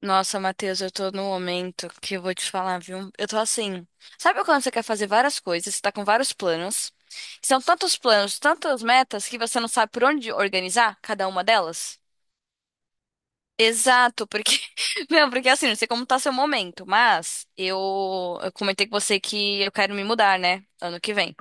Nossa, Matheus, eu tô no momento que eu vou te falar, viu? Eu tô assim. Sabe quando você quer fazer várias coisas, você tá com vários planos? São tantos planos, tantas metas que você não sabe por onde organizar cada uma delas? Exato, porque. Não, porque assim, não sei como tá seu momento, mas eu comentei com você que eu quero me mudar, né? Ano que vem.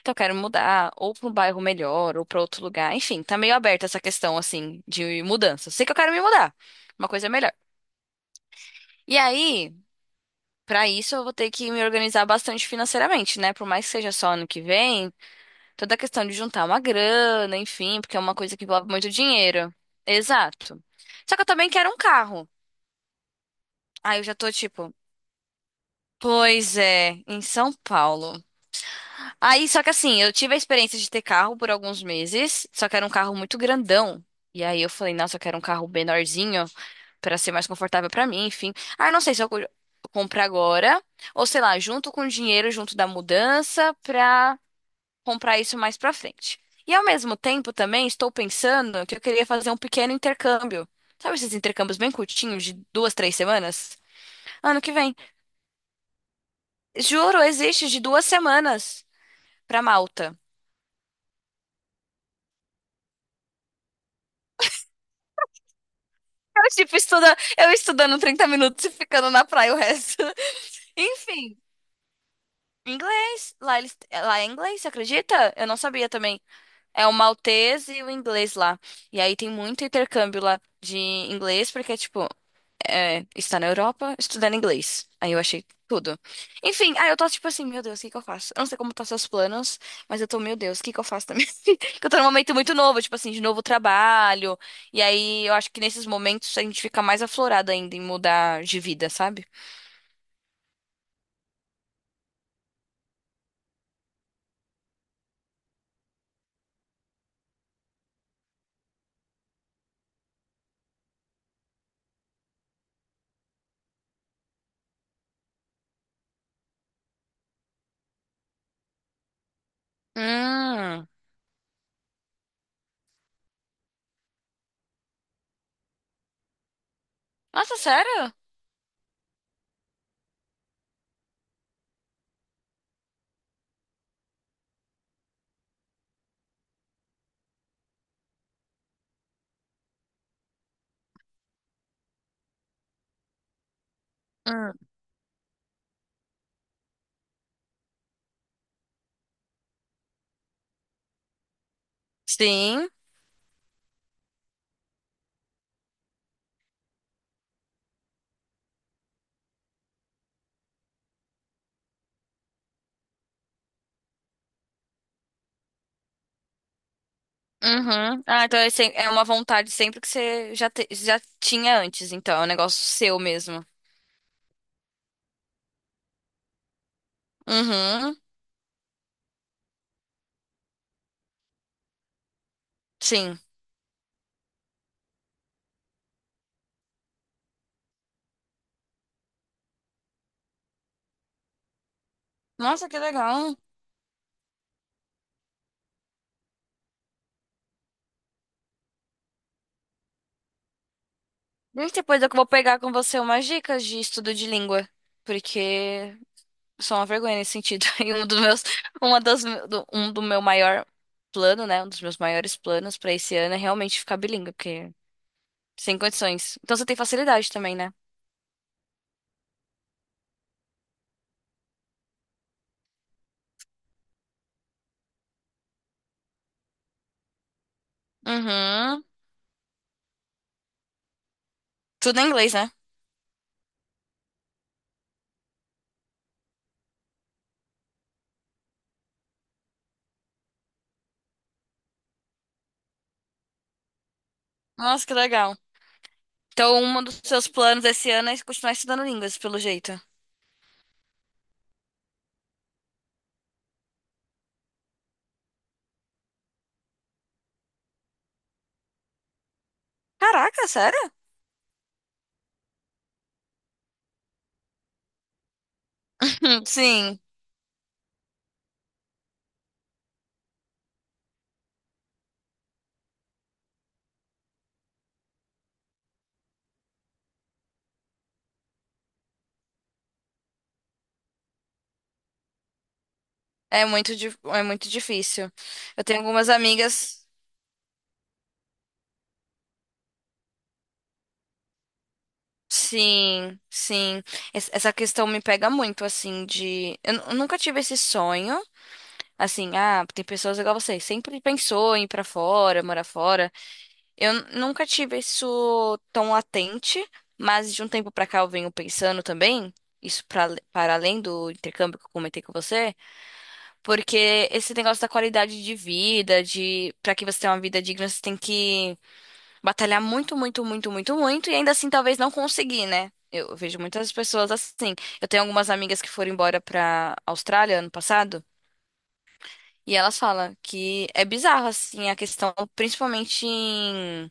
Então eu quero mudar ou pra um bairro melhor ou pra outro lugar. Enfim, tá meio aberta essa questão, assim, de mudança. Sei que eu quero me mudar. Uma coisa melhor. E aí. Para isso, eu vou ter que me organizar bastante financeiramente, né? Por mais que seja só ano que vem, toda a questão de juntar uma grana, enfim, porque é uma coisa que envolve muito dinheiro. Exato. Só que eu também quero um carro. Aí eu já tô tipo, pois é, em São Paulo. Aí, só que assim, eu tive a experiência de ter carro por alguns meses, só que era um carro muito grandão. E aí eu falei, nossa, eu quero um carro menorzinho. Pra ser mais confortável pra mim, enfim. Ah, eu não sei se eu compro agora ou sei lá, junto com o dinheiro junto da mudança pra comprar isso mais pra frente. E ao mesmo tempo também estou pensando que eu queria fazer um pequeno intercâmbio. Sabe esses intercâmbios bem curtinhos de duas, três semanas? Ano que vem. Juro, existe de 2 semanas pra Malta. Eu, tipo, estuda, eu estudando 30 minutos e ficando na praia o resto. Enfim, inglês. Lá é inglês, você acredita? Eu não sabia também. É o maltês e o inglês lá. E aí tem muito intercâmbio lá de inglês, porque, tipo, é, está na Europa estudando inglês. Aí eu achei tudo. Enfim, aí eu tô tipo assim, meu Deus, o que que eu faço? Eu não sei como tá seus planos, mas eu tô, meu Deus, o que que eu faço também? Porque eu tô num momento muito novo, tipo assim, de novo trabalho. E aí eu acho que nesses momentos a gente fica mais aflorado ainda em mudar de vida, sabe? Hum. Nossa, sério? Hum. Sim. Uhum. Ah, então é é uma vontade sempre que você já tinha antes, então. É um negócio seu mesmo. Uhum. Sim. Nossa, que legal. E depois eu vou pegar com você umas dicas de estudo de língua. Porque sou uma vergonha nesse sentido. Uma das, do- um do meu maior plano, né? Um dos meus maiores planos pra esse ano é realmente ficar bilíngue, porque sem condições. Então você tem facilidade também, né? Uhum. Tudo em inglês, né? Nossa, que legal. Então, um dos seus planos esse ano é continuar estudando línguas, pelo jeito. Caraca, sério? Sim, é é muito difícil. Eu tenho algumas amigas. Sim, sim. Essa questão me pega muito, assim, de. Eu nunca tive esse sonho. Assim, ah, tem pessoas igual você, sempre pensou em ir pra fora, morar fora. Eu nunca tive isso tão latente, mas de um tempo pra cá eu venho pensando também, isso para além do intercâmbio que eu comentei com você. Porque esse negócio da qualidade de vida, de para que você tenha uma vida digna, você tem que batalhar muito, muito, muito, muito, muito e ainda assim talvez não conseguir, né? Eu vejo muitas pessoas assim. Eu tenho algumas amigas que foram embora para Austrália ano passado e elas falam que é bizarro assim a questão, principalmente em,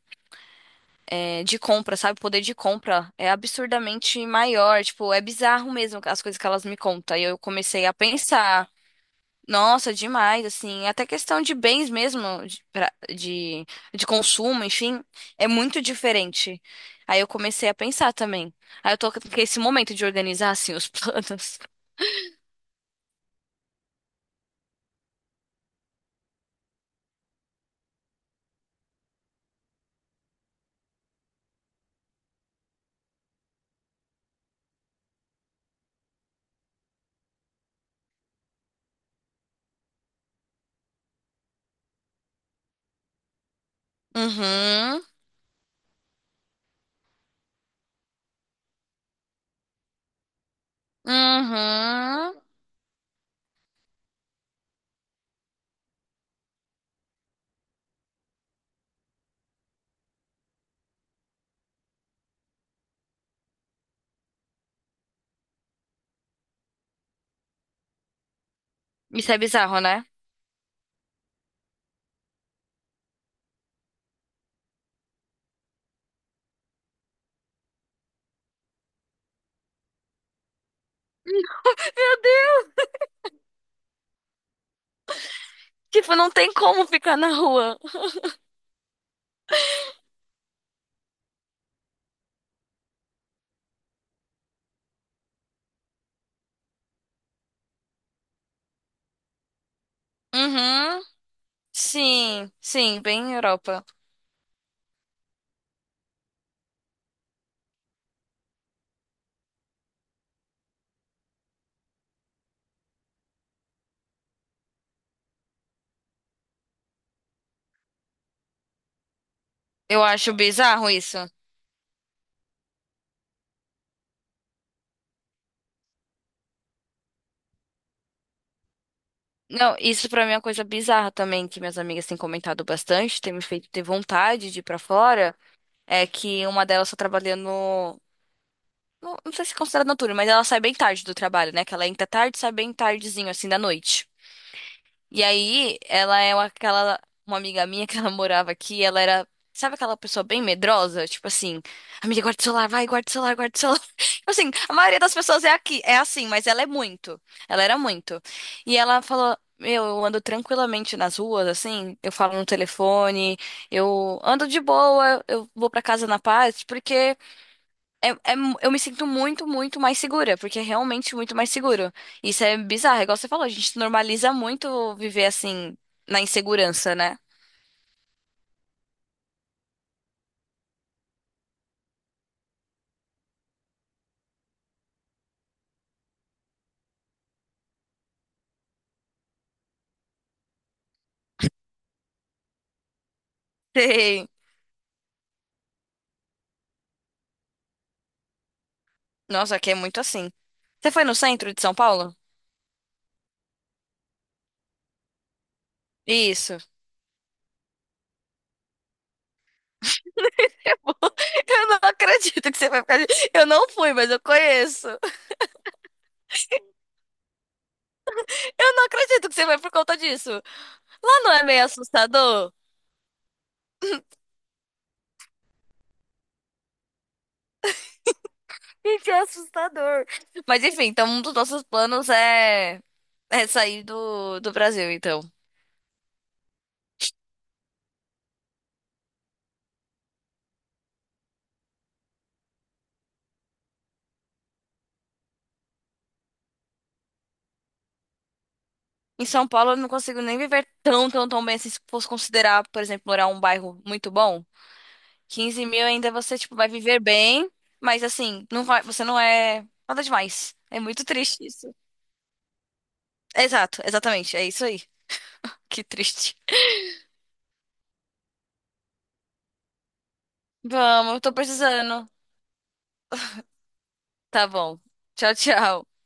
eh, de compra, sabe? O poder de compra é absurdamente maior, tipo, é bizarro mesmo as coisas que elas me contam. E eu comecei a pensar. Nossa, demais, assim, até questão de bens mesmo, de consumo, enfim, é muito diferente. Aí eu comecei a pensar também. Aí eu tô com esse momento de organizar, assim, os planos. Uhum, uhum. Isso é bizarro, né? Tipo, não tem como ficar na rua. Uhum, sim, sim, bem Europa. Eu acho bizarro isso. Não, isso pra mim é uma coisa bizarra também, que minhas amigas têm comentado bastante, tem me feito ter vontade de ir pra fora. É que uma delas só trabalha no. Não, não sei se é considerado noturno, mas ela sai bem tarde do trabalho, né? Que ela entra tarde, e sai bem tardezinho, assim, da noite. E aí, ela é uma- aquela. Uma amiga minha que ela morava aqui, ela era. Sabe aquela pessoa bem medrosa? Tipo assim, amiga, guarda o celular, vai, guarda o celular, guarda o celular. Tipo assim, a maioria das pessoas é aqui, é assim, mas ela é muito. Ela era muito. E ela falou: meu, eu ando tranquilamente nas ruas, assim, eu falo no telefone, eu ando de boa, eu vou pra casa na paz, porque. Eu me sinto muito, muito mais segura, porque é realmente muito mais seguro. Isso é bizarro, é igual você falou, a gente normaliza muito viver assim, na insegurança, né? Sim. Nossa, aqui é muito assim. Você foi no centro de São Paulo? Isso. Eu vou- eu não acredito que você vai ficar. Eu não fui, mas eu conheço. Eu não acredito que você vai por conta disso. Lá não é meio assustador? Gente, é assustador. Mas enfim, então um dos nossos planos é, é sair do Brasil, então. Em São Paulo eu não consigo nem viver tão, tão, tão bem assim, se fosse considerar, por exemplo, morar um bairro muito bom. 15 mil ainda você, tipo, vai viver bem, mas assim, não vai, você não é nada demais. É muito triste isso. Exato, exatamente, é isso aí. Que triste. Vamos, eu tô precisando. Tá bom. Tchau, tchau.